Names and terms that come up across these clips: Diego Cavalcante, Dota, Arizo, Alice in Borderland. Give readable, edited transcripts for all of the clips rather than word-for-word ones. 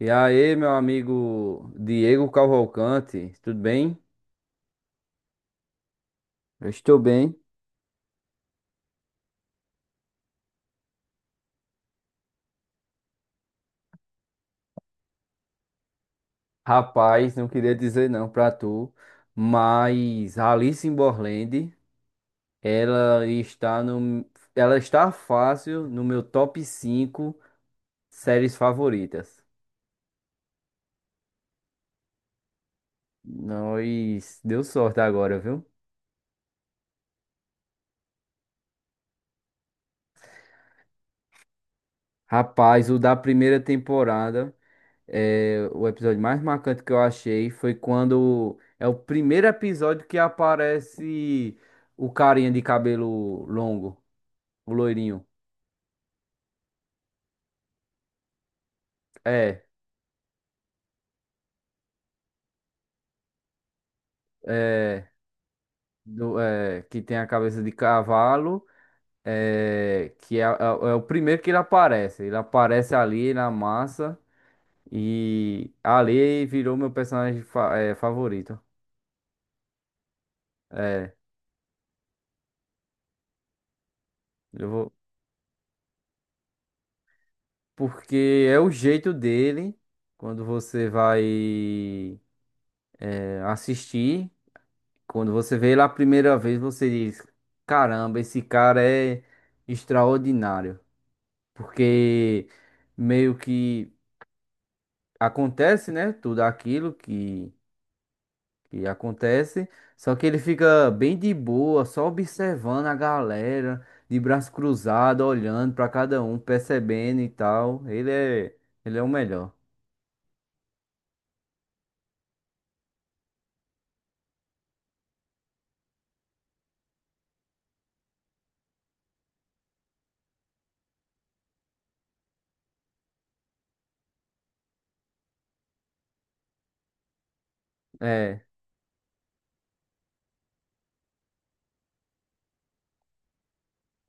E aí, meu amigo Diego Cavalcante, tudo bem? Eu estou bem. Rapaz, não queria dizer não pra tu, mas Alice in Borderland, ela está no, ela está fácil no meu top 5 séries favoritas. Nós deu sorte agora, viu? Rapaz, o da primeira temporada. É, o episódio mais marcante que eu achei foi quando é o primeiro episódio que aparece o carinha de cabelo longo, o loirinho. É, é, que tem a cabeça de cavalo, é o primeiro que ele aparece. Ele aparece ali na massa e ali virou meu personagem favorito. É, eu vou, Porque é o jeito dele quando você vai assistir. Quando você vê ele a primeira vez, você diz: caramba, esse cara é extraordinário. Porque meio que acontece, né? Tudo aquilo que acontece. Só que ele fica bem de boa, só observando a galera, de braço cruzado, olhando para cada um, percebendo e tal. Ele é o melhor. É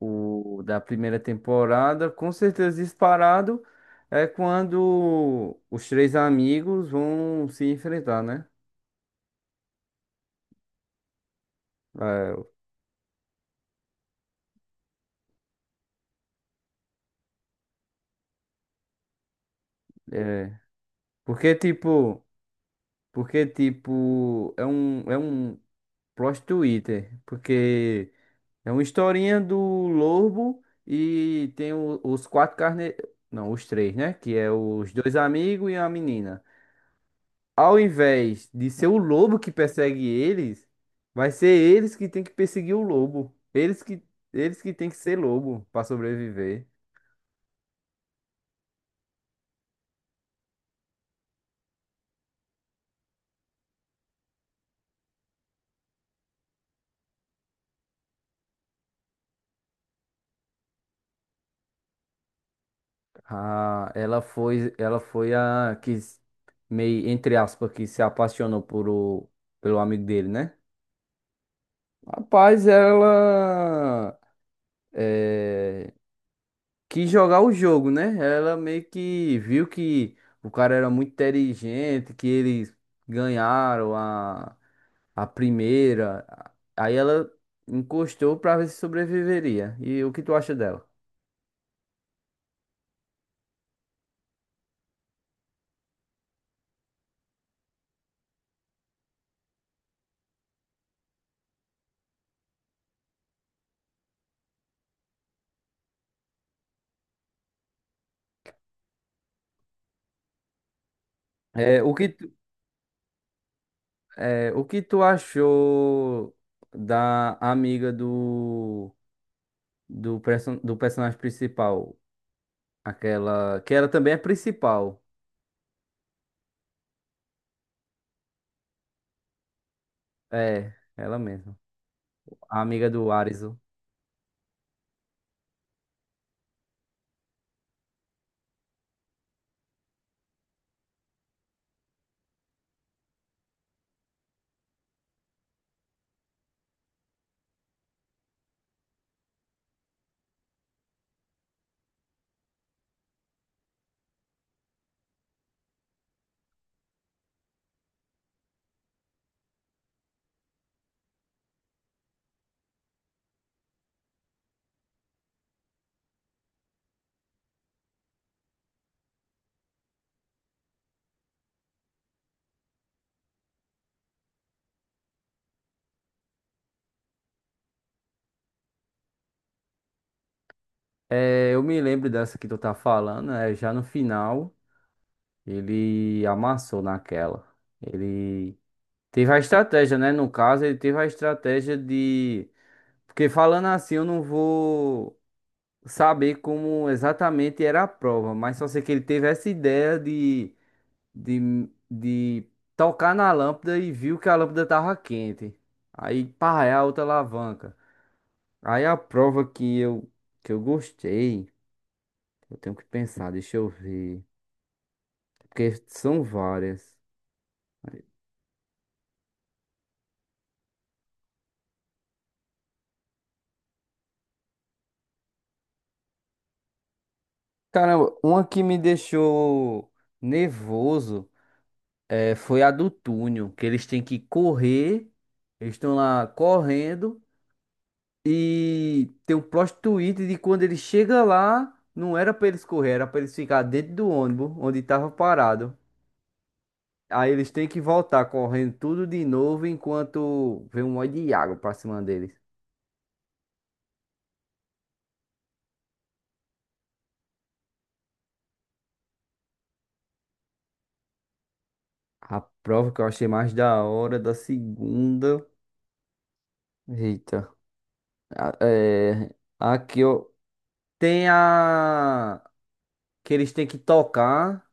o da primeira temporada, com certeza disparado, é quando os três amigos vão se enfrentar, né? É, é, porque tipo, porque tipo, é um plot twister, porque é uma historinha do lobo e tem os quatro carne, não, os três, né? Que é os dois amigos e a menina. Ao invés de ser o lobo que persegue eles, vai ser eles que tem que perseguir o lobo. Eles que tem que ser lobo para sobreviver. Ela foi a que meio entre aspas que se apaixonou pelo amigo dele, né? Rapaz, ela eh, quis jogar o jogo, né? Ela meio que viu que o cara era muito inteligente, que eles ganharam a primeira. Aí ela encostou pra ver se sobreviveria. E o que tu acha dela? É, o que tu, o que tu achou da amiga do, perso do personagem principal? Aquela que ela também é principal. É, ela mesma. A amiga do Arizo. É, eu me lembro dessa que tu tá falando, é, já no final ele amassou naquela. Ele teve a estratégia, né? No caso, ele teve a estratégia de... Porque falando assim, eu não vou saber como exatamente era a prova, mas só sei que ele teve essa ideia de tocar na lâmpada e viu que a lâmpada tava quente. Aí, pá, é a outra alavanca. Aí a prova que eu gostei, eu tenho que pensar, deixa eu ver. Porque são várias. Caramba, uma que me deixou nervoso foi a do túnel, que eles têm que correr, eles estão lá correndo. E tem um plot twist de quando ele chega lá, não era pra eles correr, era pra eles ficar dentro do ônibus onde tava parado. Aí eles têm que voltar correndo tudo de novo enquanto vem um monte de água pra cima deles. A prova que eu achei mais da hora da segunda. Eita. A- É, aqui ó, tem a que eles têm que tocar,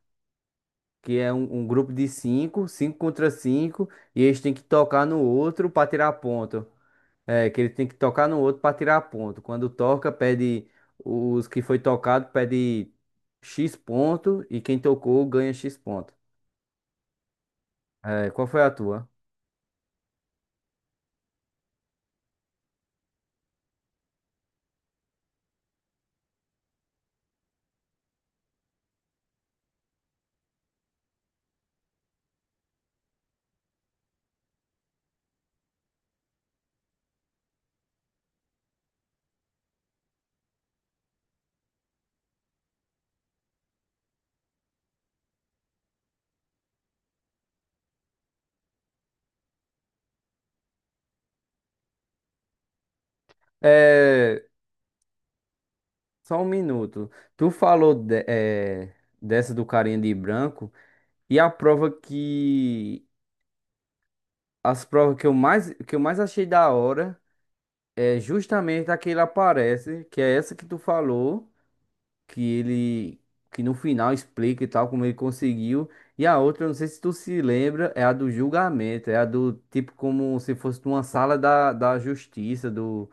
que é um grupo de cinco, cinco contra cinco, e eles têm que tocar no outro pra tirar ponto. É, que ele tem que tocar no outro para tirar ponto. Quando toca, pede os que foi tocado, pede X ponto e quem tocou ganha X ponto. É, qual foi a tua? É, só um minuto. Tu falou de- é, dessa do carinha de branco e a prova que as provas que eu mais achei da hora é justamente a que ele aparece, que é essa que tu falou. que ele que no final explica e tal como ele conseguiu. E a outra, eu não sei se tu se lembra, é a do julgamento, é a do tipo como se fosse uma sala da justiça do...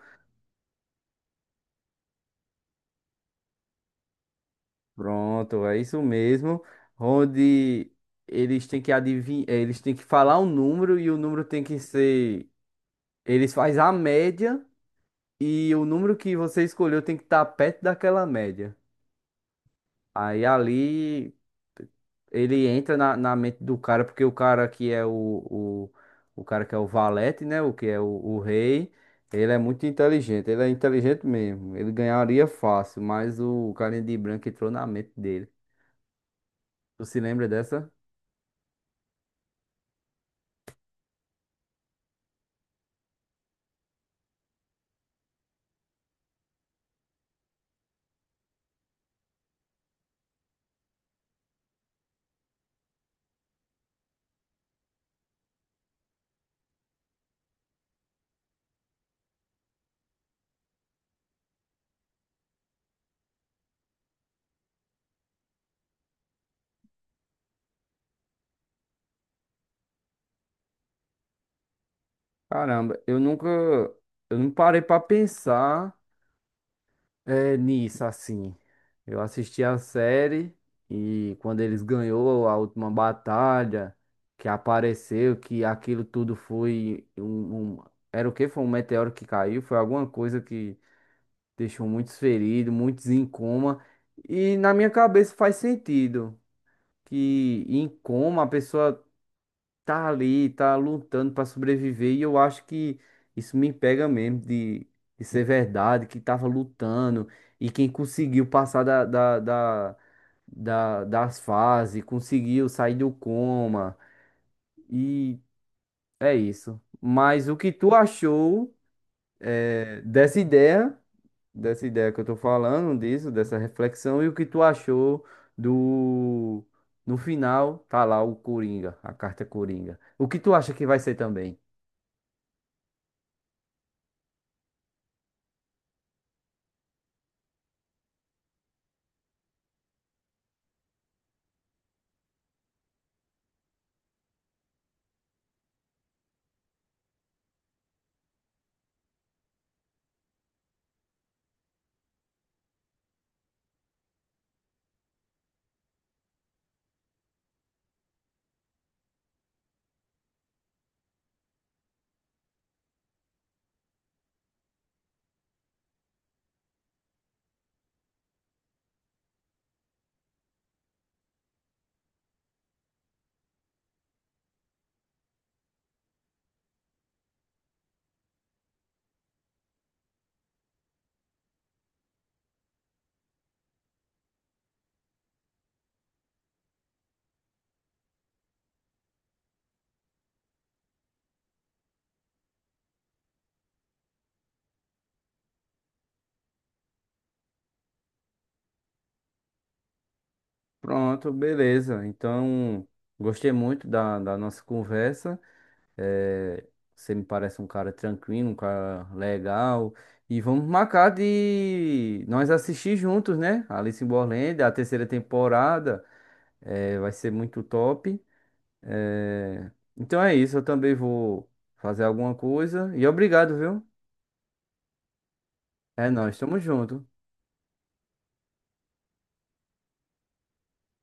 Pronto, é isso mesmo, onde eles têm que adivinhar, eles têm que falar um número e o número tem que ser, eles faz a média e o número que você escolheu tem que estar perto daquela média. Aí ali ele entra na mente do cara, porque o cara que é o cara que é o valete, né? O que é o rei, ele é muito inteligente, ele é inteligente mesmo. Ele ganharia fácil, mas o carinha de branco entrou na mente dele. Tu se lembra dessa? Caramba, eu nunca, eu não parei pra pensar é nisso, assim. Eu assisti a série e quando eles ganhou a última batalha, que apareceu, que aquilo tudo foi um... Era o que? Foi um meteoro que caiu? Foi alguma coisa que deixou muitos feridos, muitos em coma. E na minha cabeça faz sentido que em coma a pessoa tá ali, tá lutando pra sobreviver, e eu acho que isso me pega mesmo de ser verdade, que tava lutando, e quem conseguiu passar das fases, conseguiu sair do coma, e é isso. Mas o que tu achou eh, dessa ideia, dessa ideia que eu tô falando, disso, dessa reflexão, e o que tu achou do... No final, tá lá o Coringa, a carta Coringa. O que tu acha que vai ser também? Pronto, beleza. Então, gostei muito da nossa conversa. Eh, você me parece um cara tranquilo, um cara legal. E vamos marcar de nós assistir juntos, né? Alice in Borderland, a terceira temporada. Vai ser muito top. Eh, Então é isso. Eu também vou fazer alguma coisa. E obrigado, viu? É nóis, tamo junto.